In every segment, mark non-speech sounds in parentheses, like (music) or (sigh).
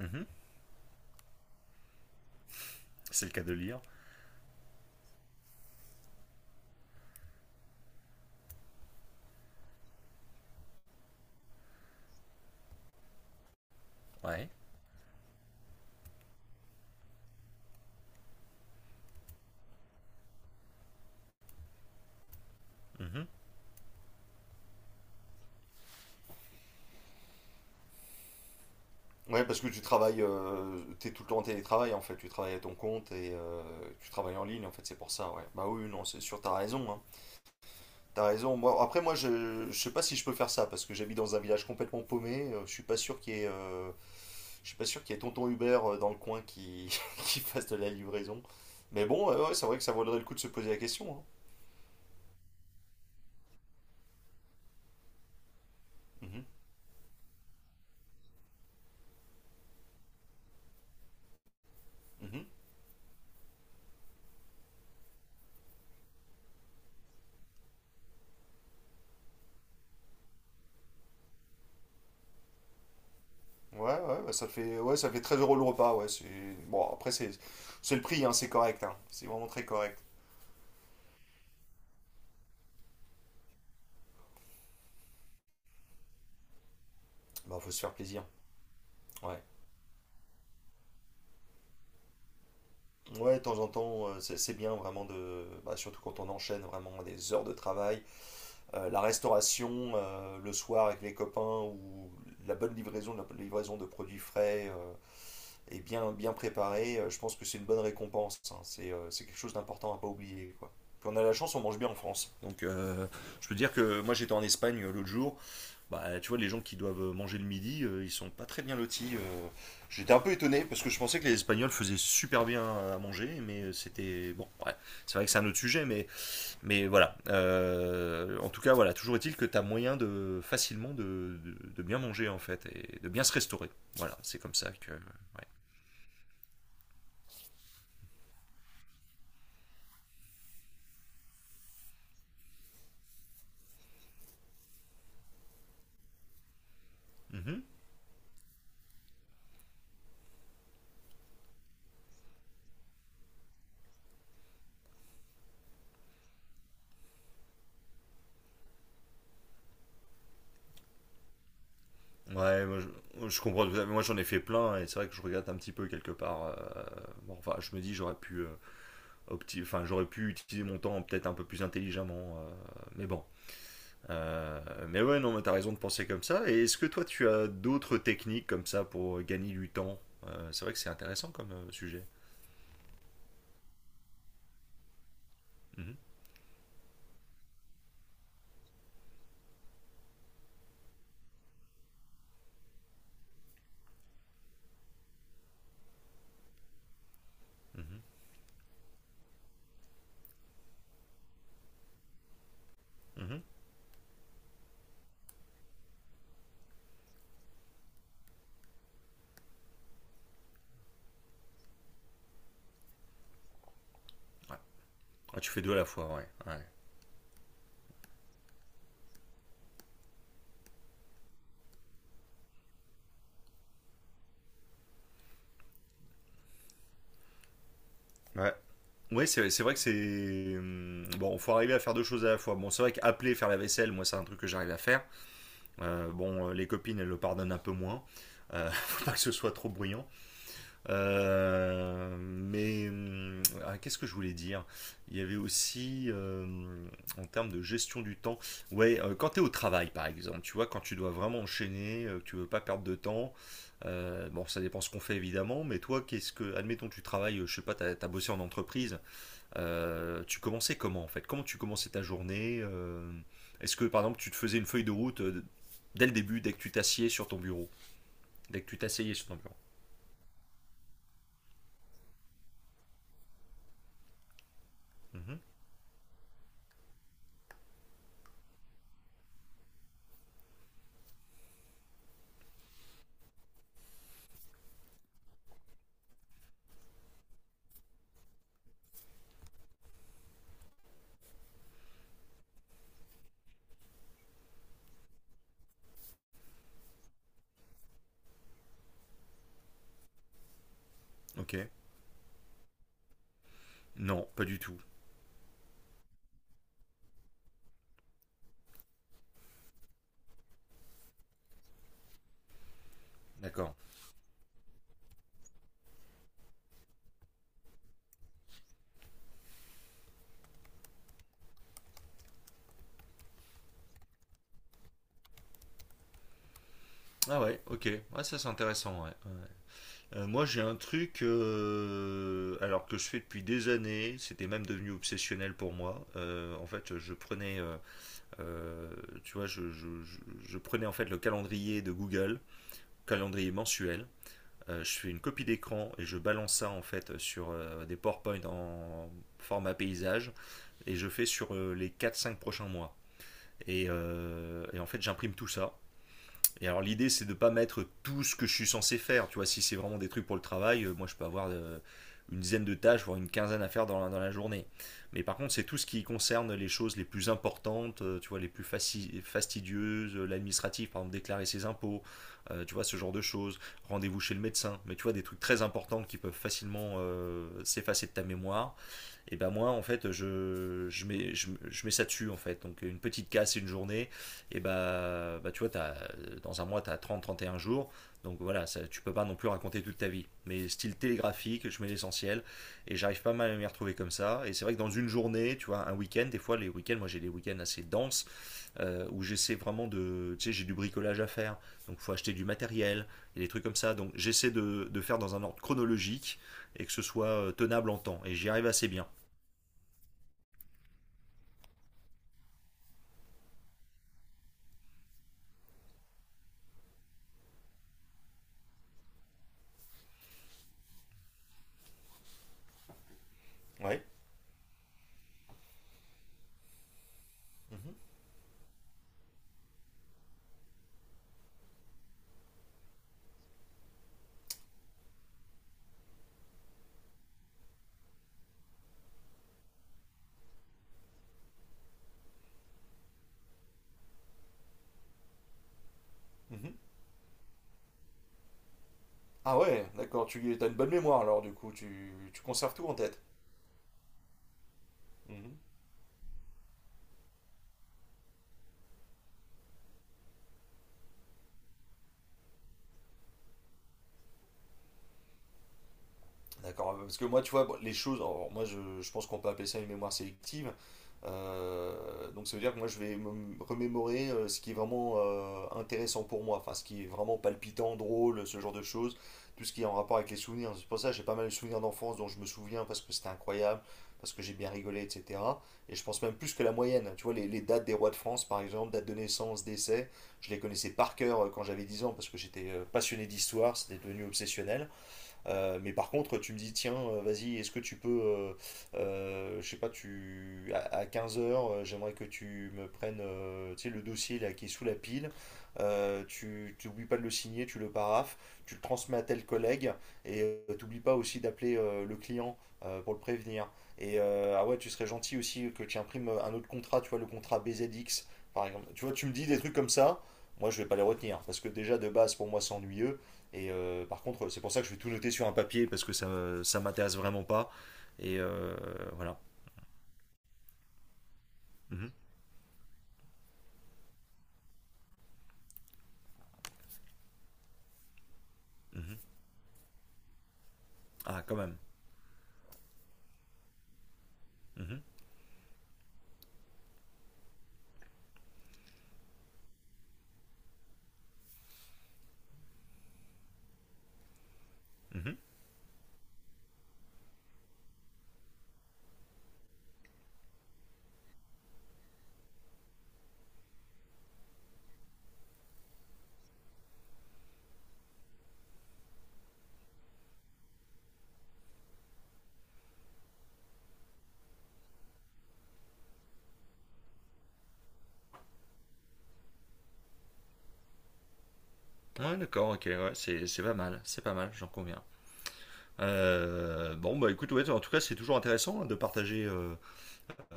Mhm. C'est le cas de lire. Ouais. Mhm. Ouais, parce que tu travailles, t'es tout le temps en télétravail en fait, tu travailles à ton compte tu travailles en ligne en fait, c'est pour ça, ouais. Bah oui, non, c'est sûr, t'as raison, hein. T'as raison. Moi, après, moi, je sais pas si je peux faire ça parce que j'habite dans un village complètement paumé, je suis pas sûr qu'il y ait, je suis pas sûr qu'il y ait tonton Hubert dans le coin qui, (laughs) qui fasse de la livraison. Mais bon, ouais, c'est vrai que ça vaudrait le coup de se poser la question, hein. Mhm, mhm. Ouais, ouais, bah, ça fait, ouais, ça fait 13 euros le repas. Ouais, c'est... Bon, après, c'est le prix, hein, c'est correct, hein. C'est vraiment très correct. Bah, faut se faire plaisir. Ouais. Ouais, de temps en temps, c'est bien vraiment de, bah, surtout quand on enchaîne vraiment des heures de travail, la restauration le soir avec les copains ou la bonne livraison, la livraison de produits frais et bien, bien préparés, je pense que c'est une bonne récompense, hein. C'est quelque chose d'important à pas oublier, quoi. Puis on a la chance, on mange bien en France. Donc je peux dire que moi j'étais en Espagne l'autre jour, bah, tu vois les gens qui doivent manger le midi, ils sont pas très bien lotis, J'étais un peu étonné parce que je pensais que les Espagnols faisaient super bien à manger, mais c'était bon, ouais, c'est vrai que c'est un autre sujet, mais voilà, en tout cas, voilà, toujours est-il que tu as moyen de facilement de bien manger en fait et de bien se restaurer. Voilà, c'est comme ça que. Ouais. Mhm. Ouais, moi, je comprends tout à fait. Moi j'en ai fait plein et c'est vrai que je regrette un petit peu quelque part, bon, enfin, je me dis j'aurais pu, enfin, j'aurais pu utiliser mon temps peut-être un peu plus intelligemment, mais bon. Mais ouais, non, mais t'as raison de penser comme ça. Et est-ce que toi tu as d'autres techniques comme ça pour gagner du temps? C'est vrai que c'est intéressant comme sujet. Mhm, mhm, mhm. Ah, tu fais deux à la fois, ouais. Ouais, ouais. Ouais, c'est vrai que c'est, bon, faut arriver à faire deux choses à la fois. Bon, c'est vrai qu'appeler, faire la vaisselle, moi, c'est un truc que j'arrive à faire. Bon, les copines, elles le pardonnent un peu moins. (laughs) Faut pas que ce soit trop bruyant. Mais ah, qu'est-ce que je voulais dire? Il y avait aussi, en termes de gestion du temps, ouais, quand tu es au travail par exemple, tu vois, quand tu dois vraiment enchaîner, que tu veux pas perdre de temps, bon, ça dépend ce qu'on fait évidemment, mais toi, qu'est-ce que, admettons, tu travailles, je sais pas, as bossé en entreprise, tu commençais comment en fait? Comment tu commençais ta journée? Est-ce que par exemple, tu te faisais une feuille de route dès le début, dès que tu t'assieds sur ton bureau? Dès que tu t'asseyais sur ton bureau? Mhm, ok. Non, pas du tout. D'accord. Ah ouais, ok. Ouais, ça c'est intéressant, ouais. Moi j'ai un truc, alors que je fais depuis des années, c'était même devenu obsessionnel pour moi. En fait, je prenais, euh, tu vois, je prenais en fait le calendrier Google, calendrier mensuel. Je fais une copie d'écran et je balance ça en fait sur des PowerPoint en format paysage et je fais sur les quatre cinq prochains mois. Et en fait, j'imprime tout ça. Et alors l'idée c'est de ne pas mettre tout ce que je suis censé faire. Tu vois, si c'est vraiment des trucs pour le travail, moi je peux avoir une dizaine de tâches, voire une quinzaine à faire dans dans la journée. Mais par contre, c'est tout ce qui concerne les choses les plus importantes, tu vois, les plus fastidieuses, l'administratif, par exemple déclarer ses impôts, tu vois, ce genre de choses, rendez-vous chez le médecin. Mais tu vois, des trucs très importants qui peuvent facilement s'effacer de ta mémoire. Et ben moi, en fait, je mets ça dessus, en fait. Donc une petite casse, une journée, et ben tu vois, t'as dans un mois, tu as trente à trente et un jours. Donc voilà, ça, tu peux pas non plus raconter toute ta vie. Mais style télégraphique, je mets l'essentiel. Et j'arrive pas mal à m'y retrouver comme ça. Et c'est vrai que dans une journée, tu vois, un week-end, des fois, les week-ends, moi j'ai des week-ends assez denses, où j'essaie vraiment de. Tu sais, j'ai du bricolage à faire. Donc il faut acheter du matériel, et des trucs comme ça. Donc j'essaie de faire dans un ordre chronologique, et que ce soit tenable en temps. Et j'y arrive assez bien. Ouais. Mhm, mhm. Ah ouais, d'accord, tu as une bonne mémoire alors du coup, tu conserves tout en tête. Mhm. D'accord, parce que moi, tu vois, bon, les choses, alors, moi, je pense qu'on peut appeler ça une mémoire sélective. Donc, ça veut dire que moi, je vais me remémorer ce qui est vraiment intéressant pour moi, enfin, ce qui est vraiment palpitant, drôle, ce genre de choses, tout ce qui est en rapport avec les souvenirs. C'est pour ça que j'ai pas mal de souvenirs d'enfance dont je me souviens parce que c'était incroyable, parce que j'ai bien rigolé, etc. Et je pense même plus que la moyenne. Tu vois, les dates des rois de France, par exemple, date de naissance, décès, je les connaissais par cœur quand j'avais 10 ans parce que j'étais passionné d'histoire, c'était devenu obsessionnel. Mais par contre, tu me dis, tiens, vas-y, est-ce que tu peux, je sais pas, tu, à 15 heures, j'aimerais que tu me prennes, tu sais, le dossier là qui est sous la pile. Tu n'oublies pas de le signer, tu le paraphes, tu le transmets à tel collègue t'oublies pas aussi d'appeler le client pour le prévenir. Ah ouais, tu serais gentil aussi que tu imprimes un autre contrat, tu vois, le contrat BZX par exemple. Tu vois, tu me dis des trucs comme ça, moi je vais pas les retenir parce que déjà de base pour moi c'est ennuyeux. Par contre, c'est pour ça que je vais tout noter sur un papier parce que ça m'intéresse vraiment pas. Et euh, voilà. Mhm. Ah, quand même. Mhm, mhm. Ouais, d'accord, ok, ouais, c'est pas mal, j'en conviens. Bon, bah écoute, ouais, en tout cas, c'est toujours intéressant hein, de partager euh,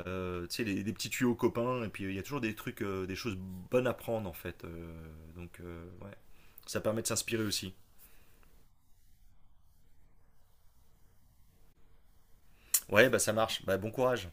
euh, tu sais, des petits tuyaux aux copains, et puis il y a toujours des trucs, des choses bonnes à prendre en fait, donc, ouais, ça permet de s'inspirer aussi. Ouais, bah ça marche, bah bon courage.